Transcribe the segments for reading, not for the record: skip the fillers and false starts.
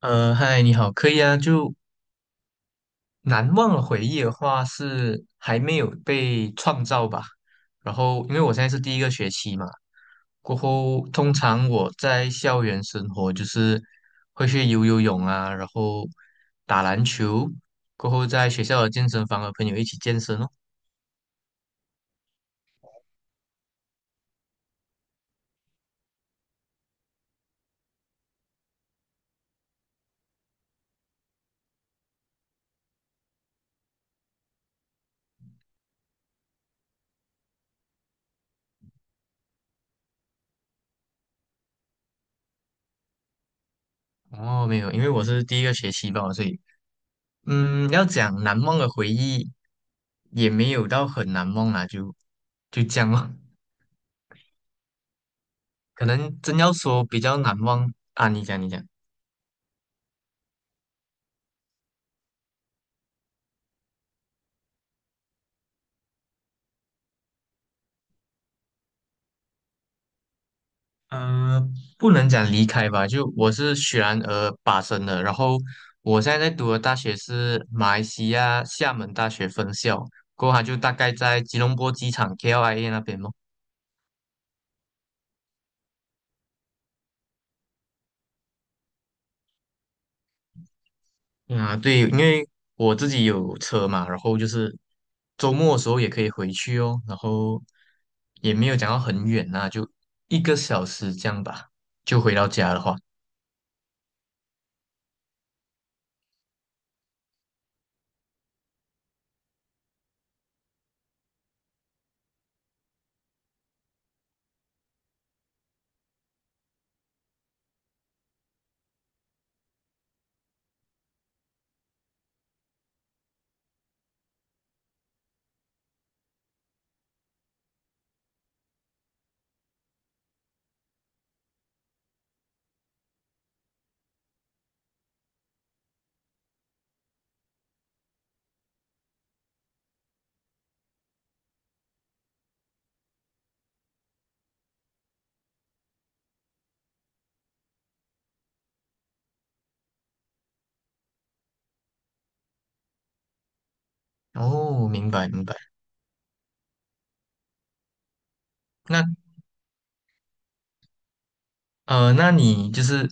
嗨，你好，可以啊。就难忘的回忆的话，是还没有被创造吧。然后，因为我现在是第一个学期嘛，过后通常我在校园生活就是会去游游泳啊，然后打篮球，过后在学校的健身房和朋友一起健身哦。哦，没有，因为我是第一个学期吧，所以要讲难忘的回忆，也没有到很难忘啊，就这样咯。可能真要说比较难忘啊，你讲你讲，呃，不能讲离开吧，就我是雪兰莪巴生的，然后我现在在读的大学是马来西亚厦门大学分校，过后它就大概在吉隆坡机场 KLIA 那边咯。啊，对，因为我自己有车嘛，然后就是周末的时候也可以回去哦，然后也没有讲到很远呐、就一个小时这样吧，就回到家的话。哦，明白明白。那。那你就是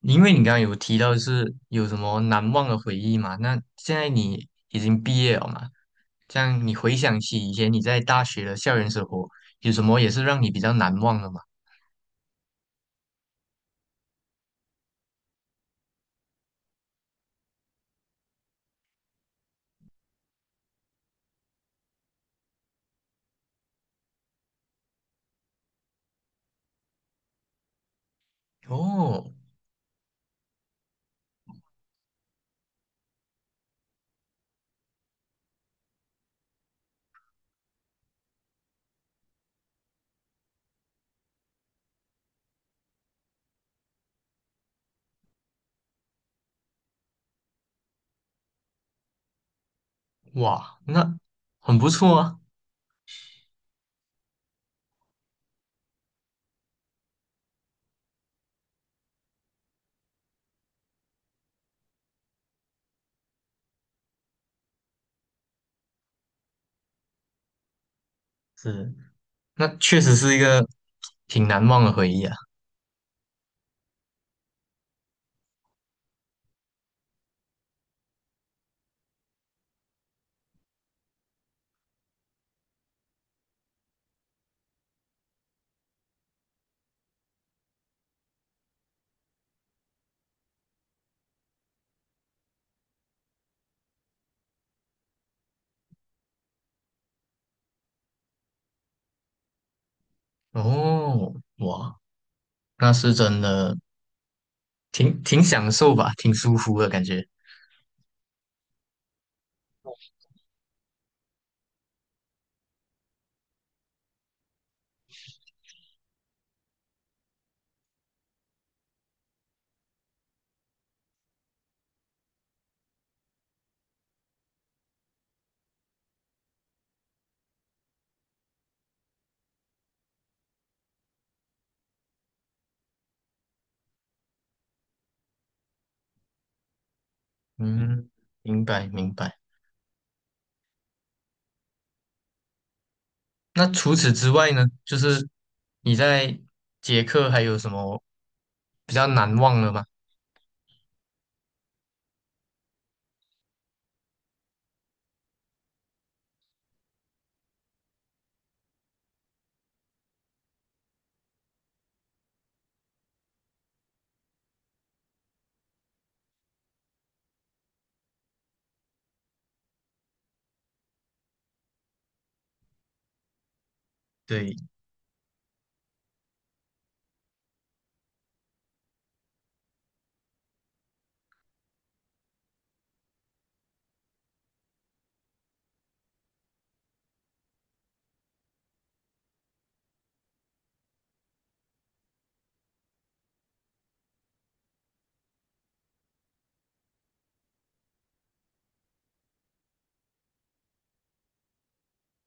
因为你刚刚有提到就是有什么难忘的回忆嘛？那现在你已经毕业了嘛？这样你回想起以前你在大学的校园生活，有什么也是让你比较难忘的吗？哦，哇，那很不错啊，是，那确实是一个挺难忘的回忆啊。哦，哇，那是真的挺享受吧，挺舒服的感觉。嗯，明白明白。那除此之外呢，就是你在捷克还有什么比较难忘的吗？对，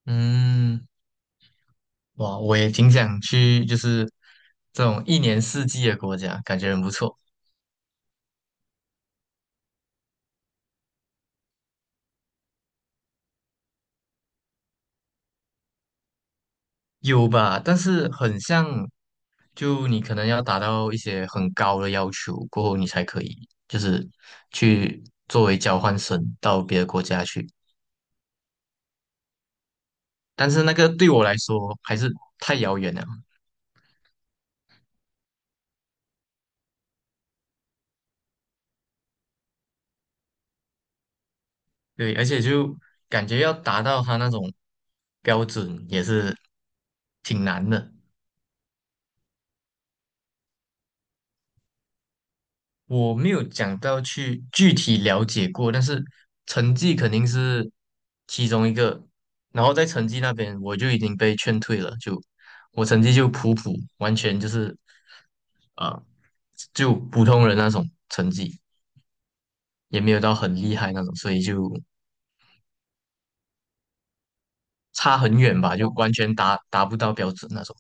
嗯，哇，我也挺想去，就是这种一年四季的国家，感觉很不错。有吧，但是很像，就你可能要达到一些很高的要求过后，你才可以，就是去作为交换生到别的国家去。但是那个对我来说还是太遥远了。对，而且就感觉要达到他那种标准也是挺难的。我没有讲到去具体了解过，但是成绩肯定是其中一个。然后在成绩那边，我就已经被劝退了，就我成绩就普普，完全就是呃，就普通人那种成绩，也没有到很厉害那种，所以就差很远吧，就完全达不到标准那种。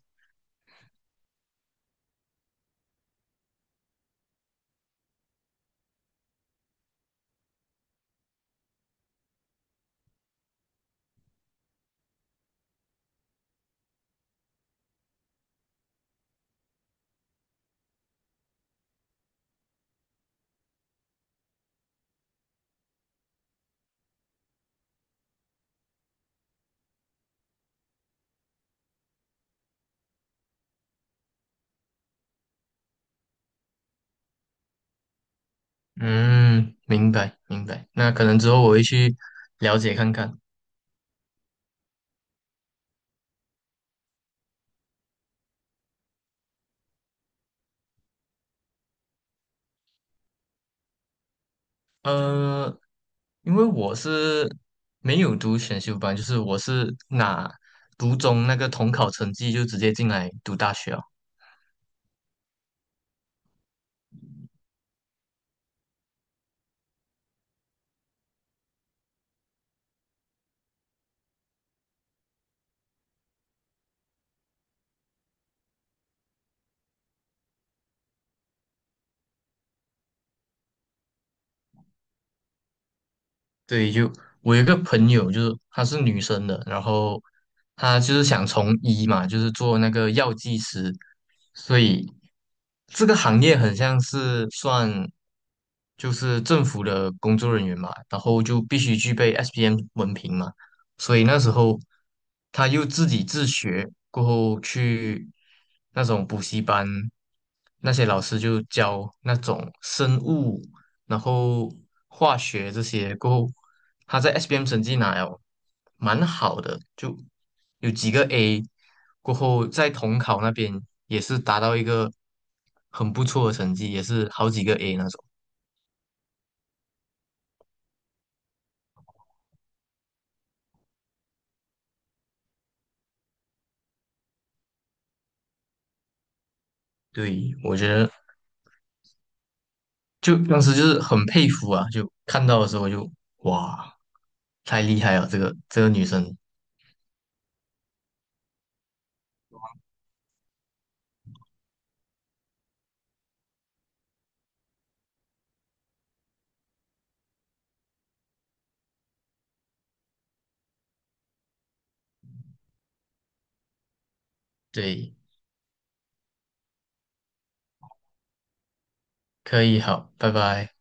嗯，明白明白。那可能之后我会去了解看看。呃，因为我是没有读选修班，就是我是拿读中那个统考成绩就直接进来读大学啊。对，就我有一个朋友，就是她是女生的，然后她就是想从医嘛，就是做那个药剂师，所以这个行业很像是算就是政府的工作人员嘛，然后就必须具备 SPM 文凭嘛，所以那时候她又自己自学，过后去那种补习班，那些老师就教那种生物。然后化学这些过后，他在 SPM 成绩拿了蛮好的，就有几个 A，过后在统考那边也是达到一个很不错的成绩，也是好几个 A 那种。对，我觉得就当时就是很佩服啊，就看到的时候就哇，太厉害了，这个女生，对，可以，好，拜拜。